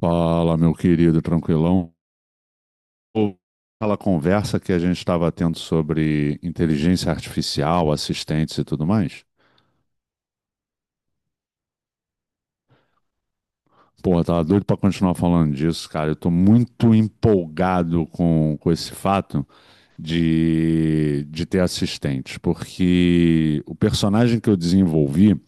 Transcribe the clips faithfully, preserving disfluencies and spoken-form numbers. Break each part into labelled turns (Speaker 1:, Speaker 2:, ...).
Speaker 1: Fala, meu querido, tranquilão. Aquela conversa que a gente estava tendo sobre inteligência artificial, assistentes e tudo mais. Porra, tava doido para continuar falando disso, cara. Eu tô muito empolgado com, com esse fato de, de ter assistentes, porque o personagem que eu desenvolvi,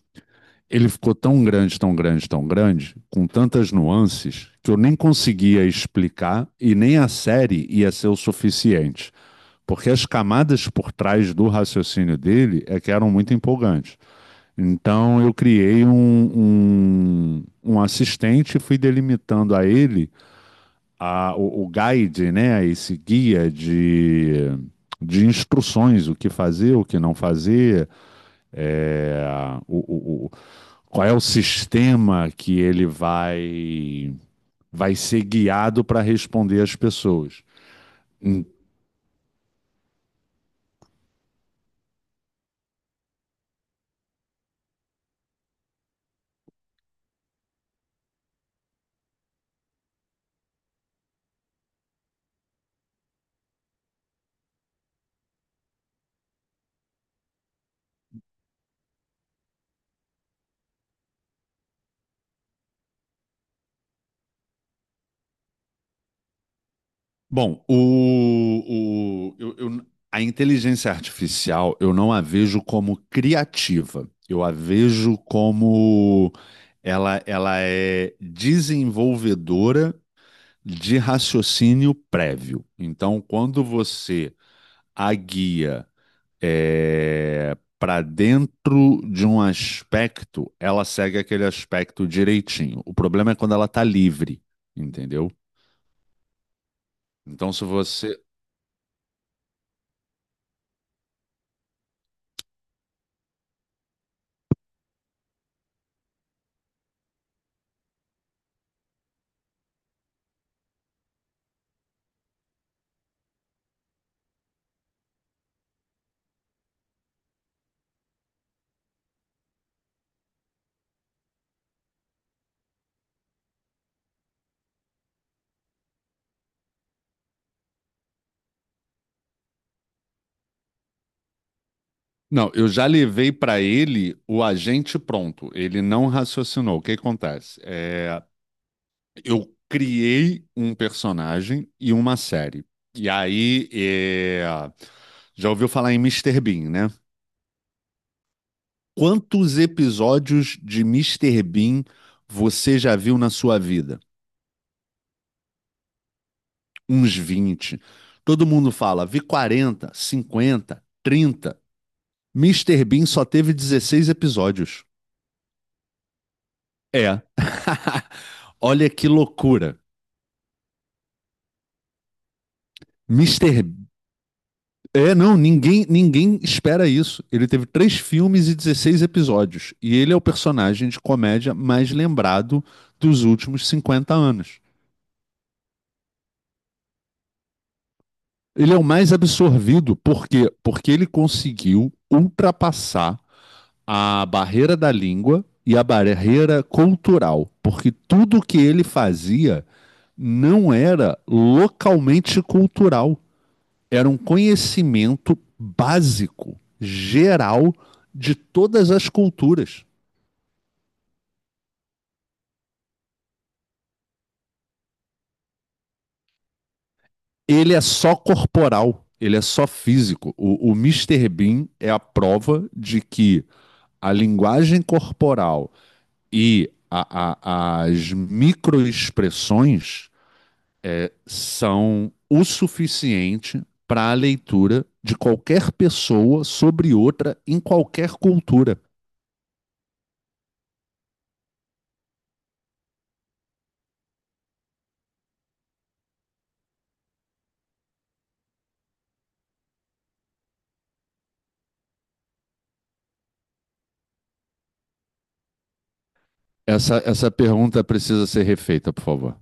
Speaker 1: ele ficou tão grande, tão grande, tão grande, com tantas nuances, que eu nem conseguia explicar e nem a série ia ser o suficiente. Porque as camadas por trás do raciocínio dele é que eram muito empolgantes. Então eu criei um, um, um assistente e fui delimitando a ele a, o, o guide, né, esse guia de, de instruções, o que fazer, o que não fazer, é, o, o, qual é o sistema que ele vai, vai ser guiado para responder às pessoas. Bom, o, o, eu- eu- a inteligência artificial eu não a vejo como criativa. Eu a vejo como ela, ela é desenvolvedora de raciocínio prévio. Então, quando você a guia para dentro de um aspecto, ela segue aquele aspecto direitinho. O problema é quando ela está livre, entendeu? Então, se você Não, eu já levei para ele o agente pronto. Ele não raciocinou. O que acontece? É, eu criei um personagem e uma série. E aí, é, já ouviu falar em Mister Bean, né? Quantos episódios de Mister Bean você já viu na sua vida? Uns vinte. Todo mundo fala, vi quarenta, cinquenta, trinta. Mister Bean só teve dezesseis episódios. É. Olha que loucura. Mister. B- É, não, ninguém, ninguém espera isso. Ele teve três filmes e dezesseis episódios. E ele é o personagem de comédia mais lembrado dos últimos cinquenta anos. Ele é o mais absorvido, por quê? Porque ele conseguiu ultrapassar a barreira da língua e a barreira cultural. Porque tudo que ele fazia não era localmente cultural, era um conhecimento básico, geral, de todas as culturas. Ele é só corporal, ele é só físico. O, o mister Bean é a prova de que a linguagem corporal e a, a, as microexpressões são o suficiente para a leitura de qualquer pessoa sobre outra em qualquer cultura. Essa, essa pergunta precisa ser refeita, por favor.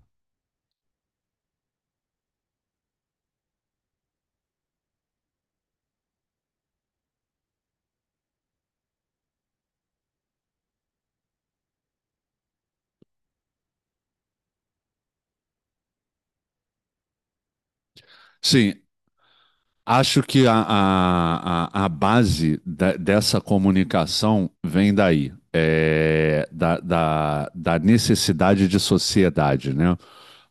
Speaker 1: Sim, acho que a, a, a, a base da- dessa comunicação vem daí, é, da, da, da necessidade de sociedade, né?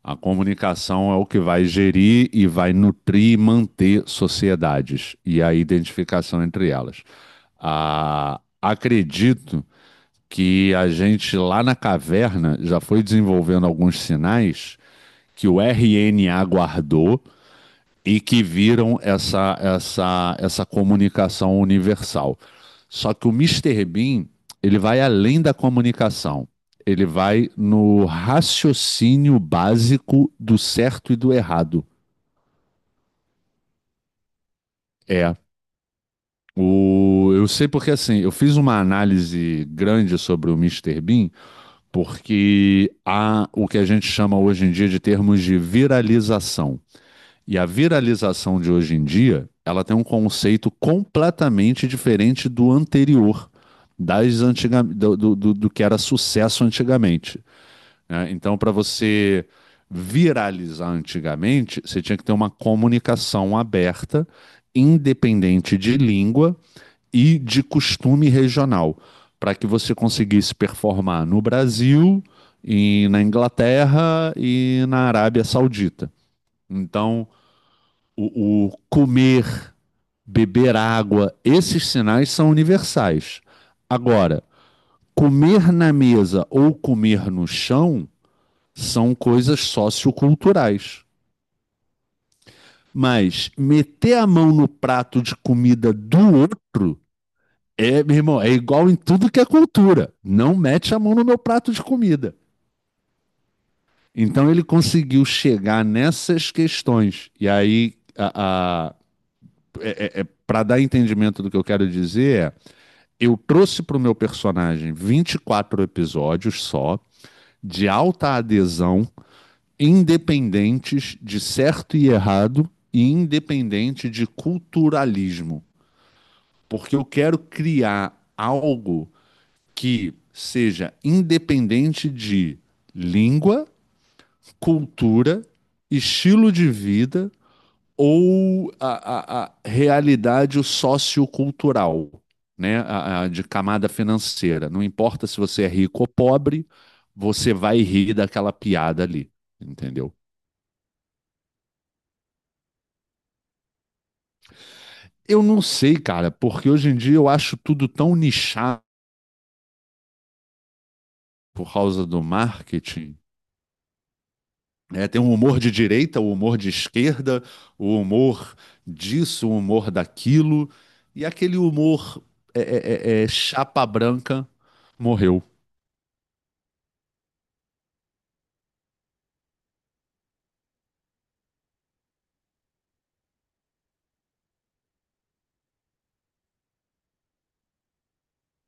Speaker 1: A comunicação é o que vai gerir e vai nutrir e manter sociedades e a identificação entre elas. Ah, acredito que a gente lá na caverna já foi desenvolvendo alguns sinais que o R N A guardou e que viram essa, essa, essa comunicação universal. Só que o Mister Bean, ele vai além da comunicação. Ele vai no raciocínio básico do certo e do errado. É. O, eu sei porque assim, eu fiz uma análise grande sobre o Mister Bean, porque há o que a gente chama hoje em dia de termos de viralização. E a viralização de hoje em dia, ela tem um conceito completamente diferente do anterior, das antiga, do, do, do- do que era sucesso antigamente, né? Então, para você viralizar antigamente, você tinha que ter uma comunicação aberta, independente de língua e de costume regional, para que você conseguisse performar no Brasil, e na Inglaterra e na Arábia Saudita. Então, o, o comer, beber água, esses sinais são universais. Agora, comer na mesa ou comer no chão são coisas socioculturais. Mas meter a mão no prato de comida do outro é, meu irmão, é igual em tudo que é cultura. Não mete a mão no meu prato de comida. Então ele conseguiu chegar nessas questões. E aí, a, a- é, é, para dar entendimento do que eu quero dizer, é, eu trouxe para o meu personagem vinte e quatro episódios só, de alta adesão, independentes de certo e errado e independente de culturalismo. Porque eu quero criar algo que seja independente de língua, cultura, estilo de vida ou a, a, a realidade sociocultural, né? A, a de camada financeira. Não importa se você é rico ou pobre, você vai rir daquela piada ali, entendeu? Eu não sei, cara, porque hoje em dia eu acho tudo tão nichado por causa do marketing, né? Tem um humor de direita, o humor de esquerda, o humor disso, o humor daquilo, e aquele humor é, é, é, é chapa branca morreu.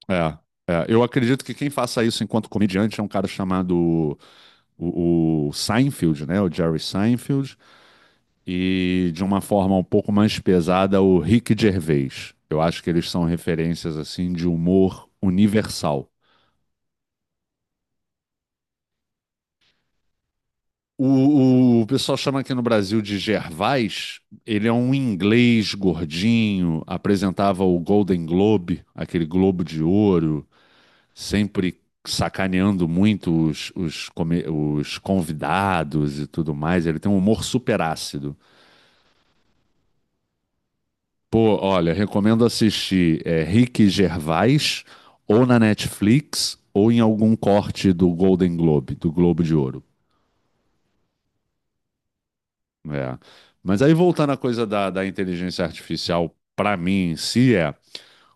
Speaker 1: É, é. Eu acredito que quem faça isso enquanto comediante é um cara chamado o, o Seinfeld, né? O Jerry Seinfeld, e de uma forma um pouco mais pesada, o Rick Gervais. Eu acho que eles são referências assim de humor universal. O, o, o pessoal chama aqui no Brasil de Gervais. Ele é um inglês gordinho, apresentava o Golden Globe, aquele Globo de Ouro, sempre sacaneando muito os, os, come- os convidados e tudo mais. Ele tem um humor super ácido. Pô, olha, recomendo assistir é, Rick Gervais ou na Netflix ou em algum corte do Golden Globe, do Globo de Ouro. É. Mas aí voltando à coisa da, da inteligência artificial, para mim em si é,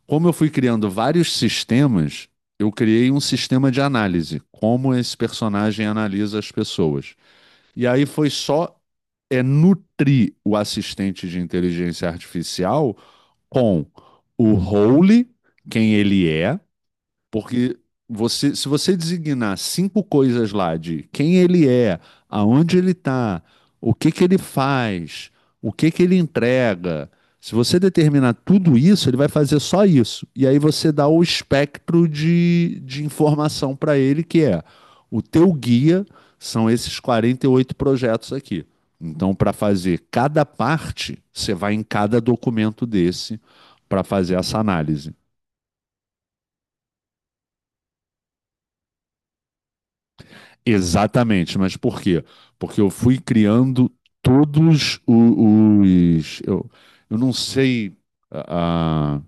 Speaker 1: como eu fui criando vários sistemas, eu criei um sistema de análise, como esse personagem analisa as pessoas. E aí foi só é nutrir o assistente de inteligência artificial com o role, quem ele é, porque você, se você designar cinco coisas lá de quem ele é, aonde ele está, o que que ele faz, o que que ele entrega, se você determinar tudo isso, ele vai fazer só isso. E aí você dá o espectro de, de informação para ele, que é o teu guia são esses quarenta e oito projetos aqui. Então, para fazer cada parte, você vai em cada documento desse para fazer essa análise. Exatamente, mas por quê? Porque eu fui criando todos o- os. Eu, eu não sei. ah, ah,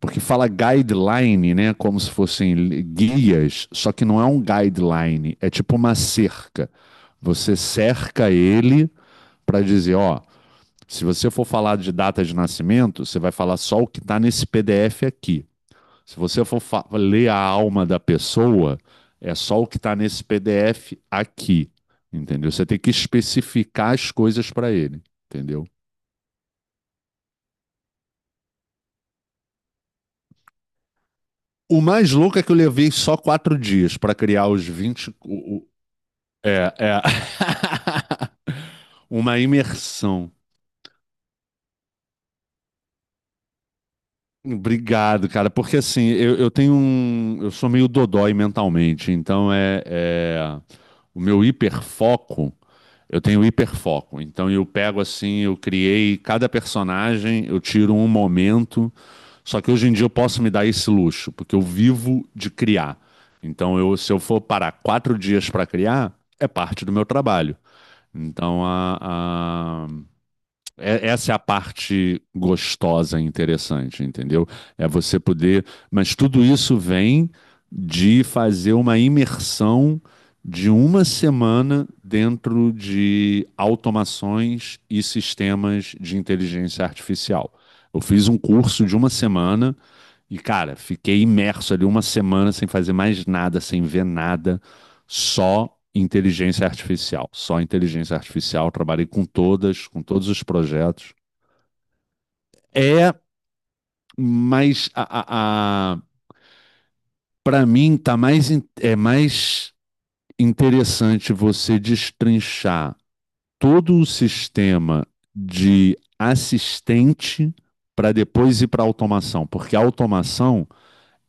Speaker 1: porque fala guideline, né? Como se fossem li- guias, só que não é um guideline, é tipo uma cerca. Você cerca ele para dizer: ó, se você for falar de data de nascimento, você vai falar só o que está nesse P D F aqui. Se você for fa- ler a alma da pessoa, é só o que está nesse P D F aqui, entendeu? Você tem que especificar as coisas para ele, entendeu? O mais louco é que eu levei só quatro dias para criar os vinte, o- o- é, é. Uma imersão. Obrigado, cara, porque assim, eu, eu tenho um. Eu sou meio dodói mentalmente, então é, é- o meu hiperfoco. Eu tenho hiperfoco, então eu pego assim, eu criei cada personagem, eu tiro um momento. Só que hoje em dia eu posso me dar esse luxo, porque eu vivo de criar. Então, eu, se eu for parar quatro dias para criar, é parte do meu trabalho. Então, a, é- essa é a parte gostosa e interessante, entendeu? É você poder. Mas tudo isso vem de fazer uma imersão de uma semana dentro de automações e sistemas de inteligência artificial. Eu fiz um curso de uma semana e, cara, fiquei imerso ali uma semana sem fazer mais nada, sem ver nada só inteligência artificial, só inteligência artificial, trabalhei com todas, com todos os projetos. É, mas a, a, a para mim tá mais é mais interessante você destrinchar todo o sistema de assistente para depois ir para a automação, porque a automação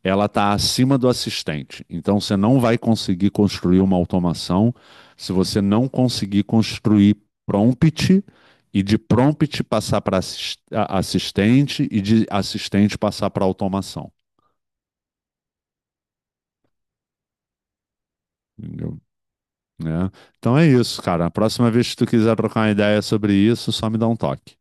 Speaker 1: ela está acima do assistente. Então você não vai conseguir construir uma automação se você não conseguir construir prompt e de prompt passar para assistente e de assistente passar para automação. Entendeu? É. Então é isso, cara. A próxima vez que tu quiser trocar uma ideia sobre isso, só me dá um toque.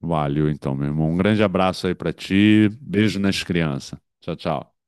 Speaker 1: Valeu, então, meu irmão. Um grande abraço aí para ti. Beijo nas crianças. Tchau, tchau.